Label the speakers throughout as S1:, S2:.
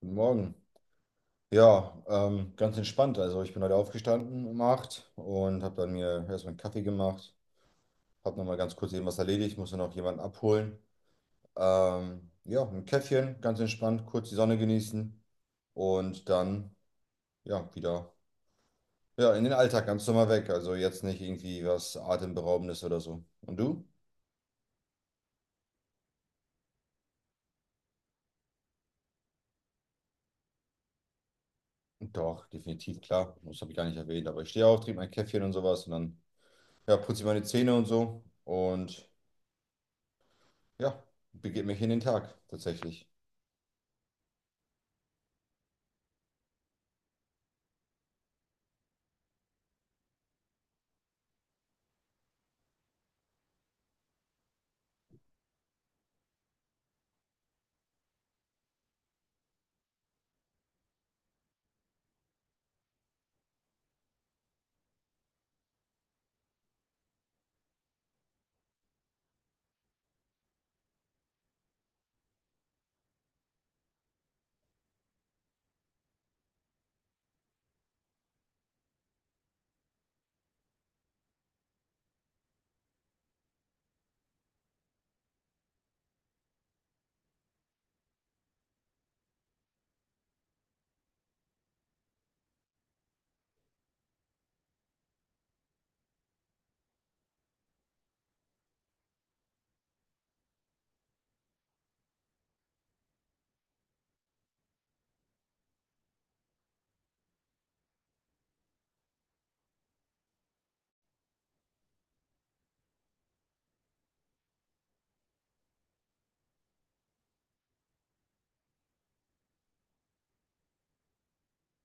S1: Guten Morgen. Ja, ganz entspannt. Also ich bin heute aufgestanden um 8 und habe dann mir erstmal einen Kaffee gemacht. Habe nochmal ganz kurz eben was erledigt, musste noch jemanden abholen. Ja, ein Käffchen, ganz entspannt, kurz die Sonne genießen und dann ja wieder ja, in den Alltag ganz normal weg. Also jetzt nicht irgendwie was Atemberaubendes oder so. Und du? Doch, definitiv, klar. Das habe ich gar nicht erwähnt, aber ich stehe auf, trinke mein Käffchen und sowas und dann ja, putze ich meine Zähne und so und ja, begebe mich in den Tag tatsächlich.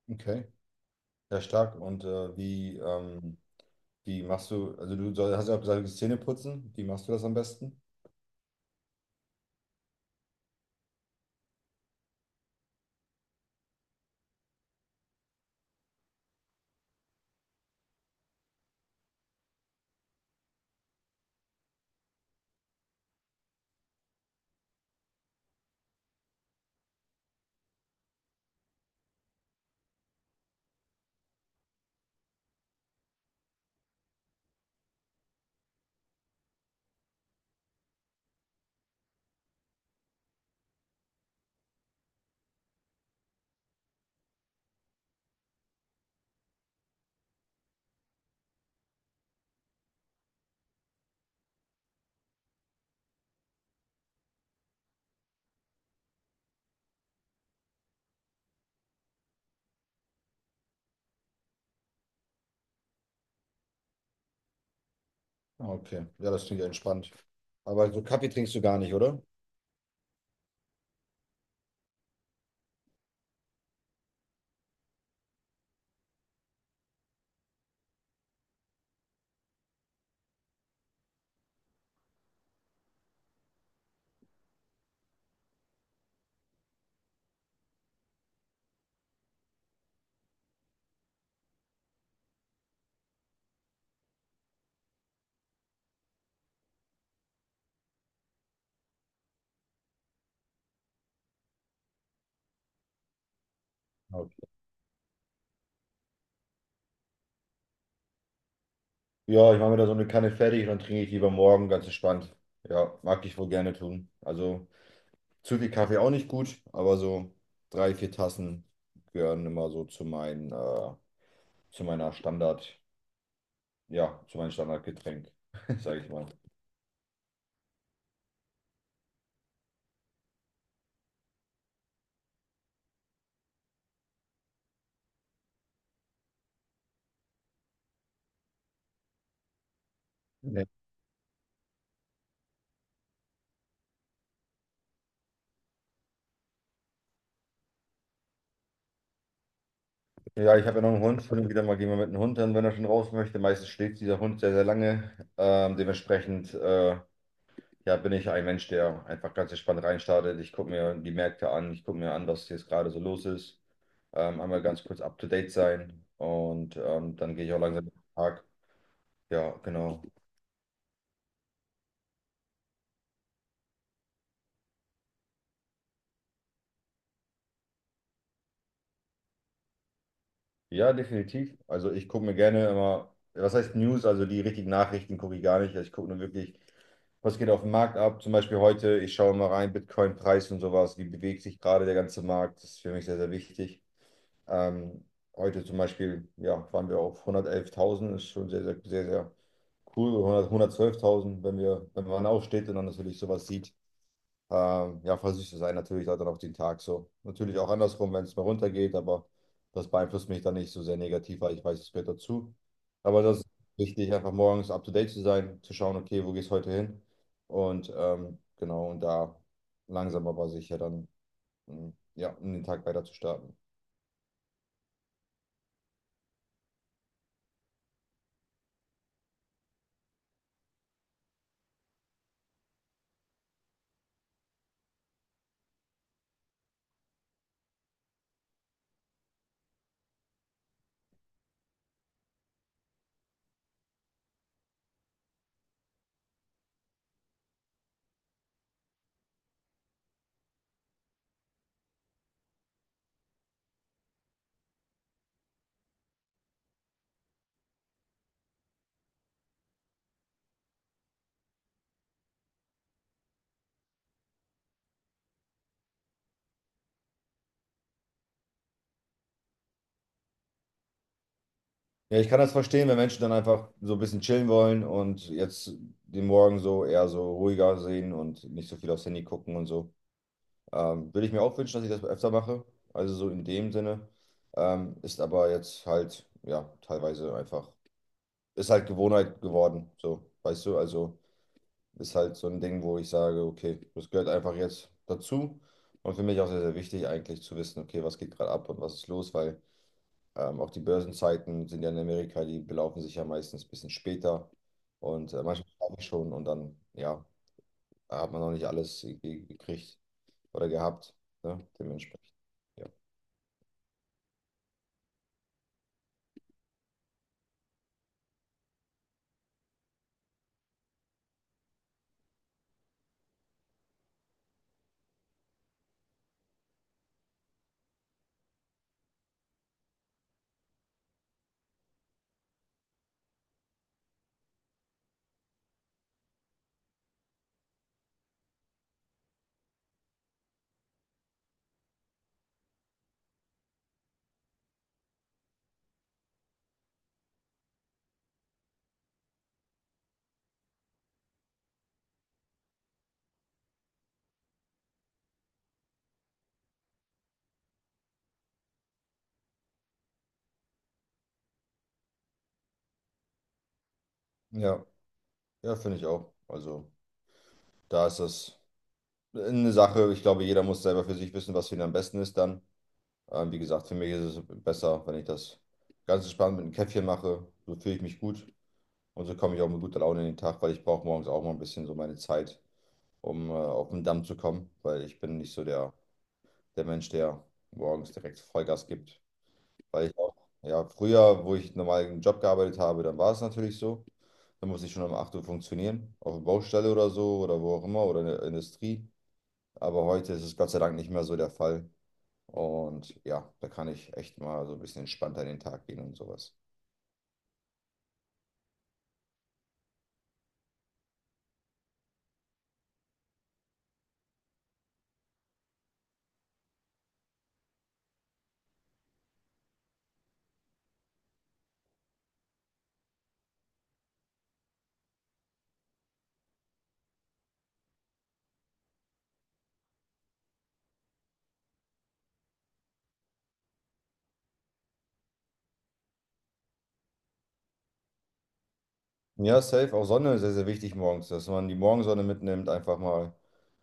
S1: Okay, sehr stark. Und wie, wie machst du, also hast ja auch gesagt, Zähne putzen. Wie machst du das am besten? Ah, okay, ja, das klingt ja entspannt. Aber so Kaffee trinkst du gar nicht, oder? Okay. Ja, ich mache mir da so eine Kanne fertig und dann trinke ich lieber morgen ganz entspannt. Ja, mag ich wohl gerne tun. Also zu viel Kaffee auch nicht gut, aber so drei, vier Tassen gehören immer so zu meinen, zu meiner Standard, ja, zu meinem Standardgetränk, sage ich mal. Ja, ich habe ja noch einen Hund. Hin und wieder mal gehen wir mit dem Hund dann, wenn er schon raus möchte. Meistens schläft dieser Hund sehr, sehr lange. Dementsprechend ja, bin ich ein Mensch, der einfach ganz entspannt reinstartet. Ich gucke mir die Märkte an, ich gucke mir an, was jetzt gerade so los ist. Einmal ganz kurz up to date sein und dann gehe ich auch langsam in den Tag. Ja, genau. Ja, definitiv. Also ich gucke mir gerne immer, was heißt News, also die richtigen Nachrichten gucke ich gar nicht. Also ich gucke nur wirklich, was geht auf dem Markt ab. Zum Beispiel heute, ich schaue mal rein, Bitcoin-Preis und sowas, wie bewegt sich gerade der ganze Markt. Das ist für mich sehr, sehr wichtig. Ähm, heute zum Beispiel, ja, waren wir auf 111.000, ist schon sehr, sehr, sehr, sehr cool. 100, 112.000, wenn wir, wenn man aufsteht und dann natürlich sowas sieht. Ja, voll süß zu sein, natürlich halt dann auch den Tag so. Natürlich auch andersrum, wenn es mal runtergeht, aber das beeinflusst mich dann nicht so sehr negativ, weil ich weiß, es gehört dazu. Aber das ist wichtig, einfach morgens up to date zu sein, zu schauen, okay, wo geht's heute hin? Und genau, und da langsam aber sicher dann, ja, um den Tag weiter zu starten. Ja, ich kann das verstehen, wenn Menschen dann einfach so ein bisschen chillen wollen und jetzt den Morgen so eher so ruhiger sehen und nicht so viel aufs Handy gucken und so. Würde ich mir auch wünschen, dass ich das öfter mache. Also so in dem Sinne. Ist aber jetzt halt, ja, teilweise einfach, ist halt Gewohnheit geworden. So, weißt du, also ist halt so ein Ding, wo ich sage, okay, das gehört einfach jetzt dazu. Und für mich auch sehr, sehr wichtig eigentlich zu wissen, okay, was geht gerade ab und was ist los, weil auch die Börsenzeiten sind ja in Amerika, die belaufen sich ja meistens ein bisschen später. Und manchmal schlafe ich schon und dann, ja, hat man noch nicht alles irgendwie gekriegt oder gehabt, ne? Dementsprechend. Ja, ja, finde ich auch. Also, da ist das eine Sache. Ich glaube, jeder muss selber für sich wissen, was für ihn am besten ist dann. Wie gesagt, für mich ist es besser, wenn ich das ganz entspannt mit einem Käffchen mache. So fühle ich mich gut und so komme ich auch mit guter Laune in den Tag, weil ich brauche morgens auch mal ein bisschen so meine Zeit, um auf den Damm zu kommen, weil ich bin nicht so der, der Mensch, der morgens direkt Vollgas gibt. Weil ich auch, ja, früher, wo ich normal einen Job gearbeitet habe, dann war es natürlich so. Da muss ich schon um 8 Uhr funktionieren, auf der Baustelle oder so oder wo auch immer oder in der Industrie. Aber heute ist es Gott sei Dank nicht mehr so der Fall. Und ja, da kann ich echt mal so ein bisschen entspannter in den Tag gehen und sowas. Ja, safe. Auch Sonne ist sehr, sehr wichtig morgens, dass man die Morgensonne mitnimmt, einfach mal,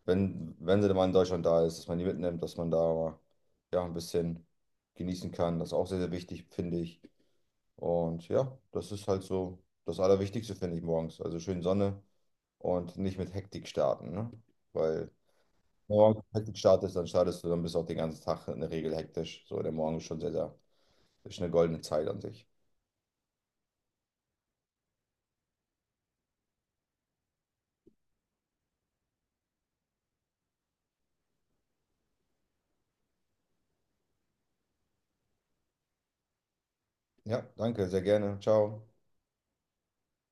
S1: wenn sie dann mal in Deutschland da ist, dass man die mitnimmt, dass man da mal, ja, ein bisschen genießen kann. Das ist auch sehr, sehr wichtig, finde ich. Und ja, das ist halt so das Allerwichtigste, finde ich, morgens. Also schön Sonne. Und nicht mit Hektik starten, ne? Weil wenn du morgens mit Hektik startest, dann startest du, dann bist du auch den ganzen Tag in der Regel hektisch. So, der Morgen ist schon sehr, sehr, ist eine goldene Zeit an sich. Ja, danke, sehr gerne. Ciao.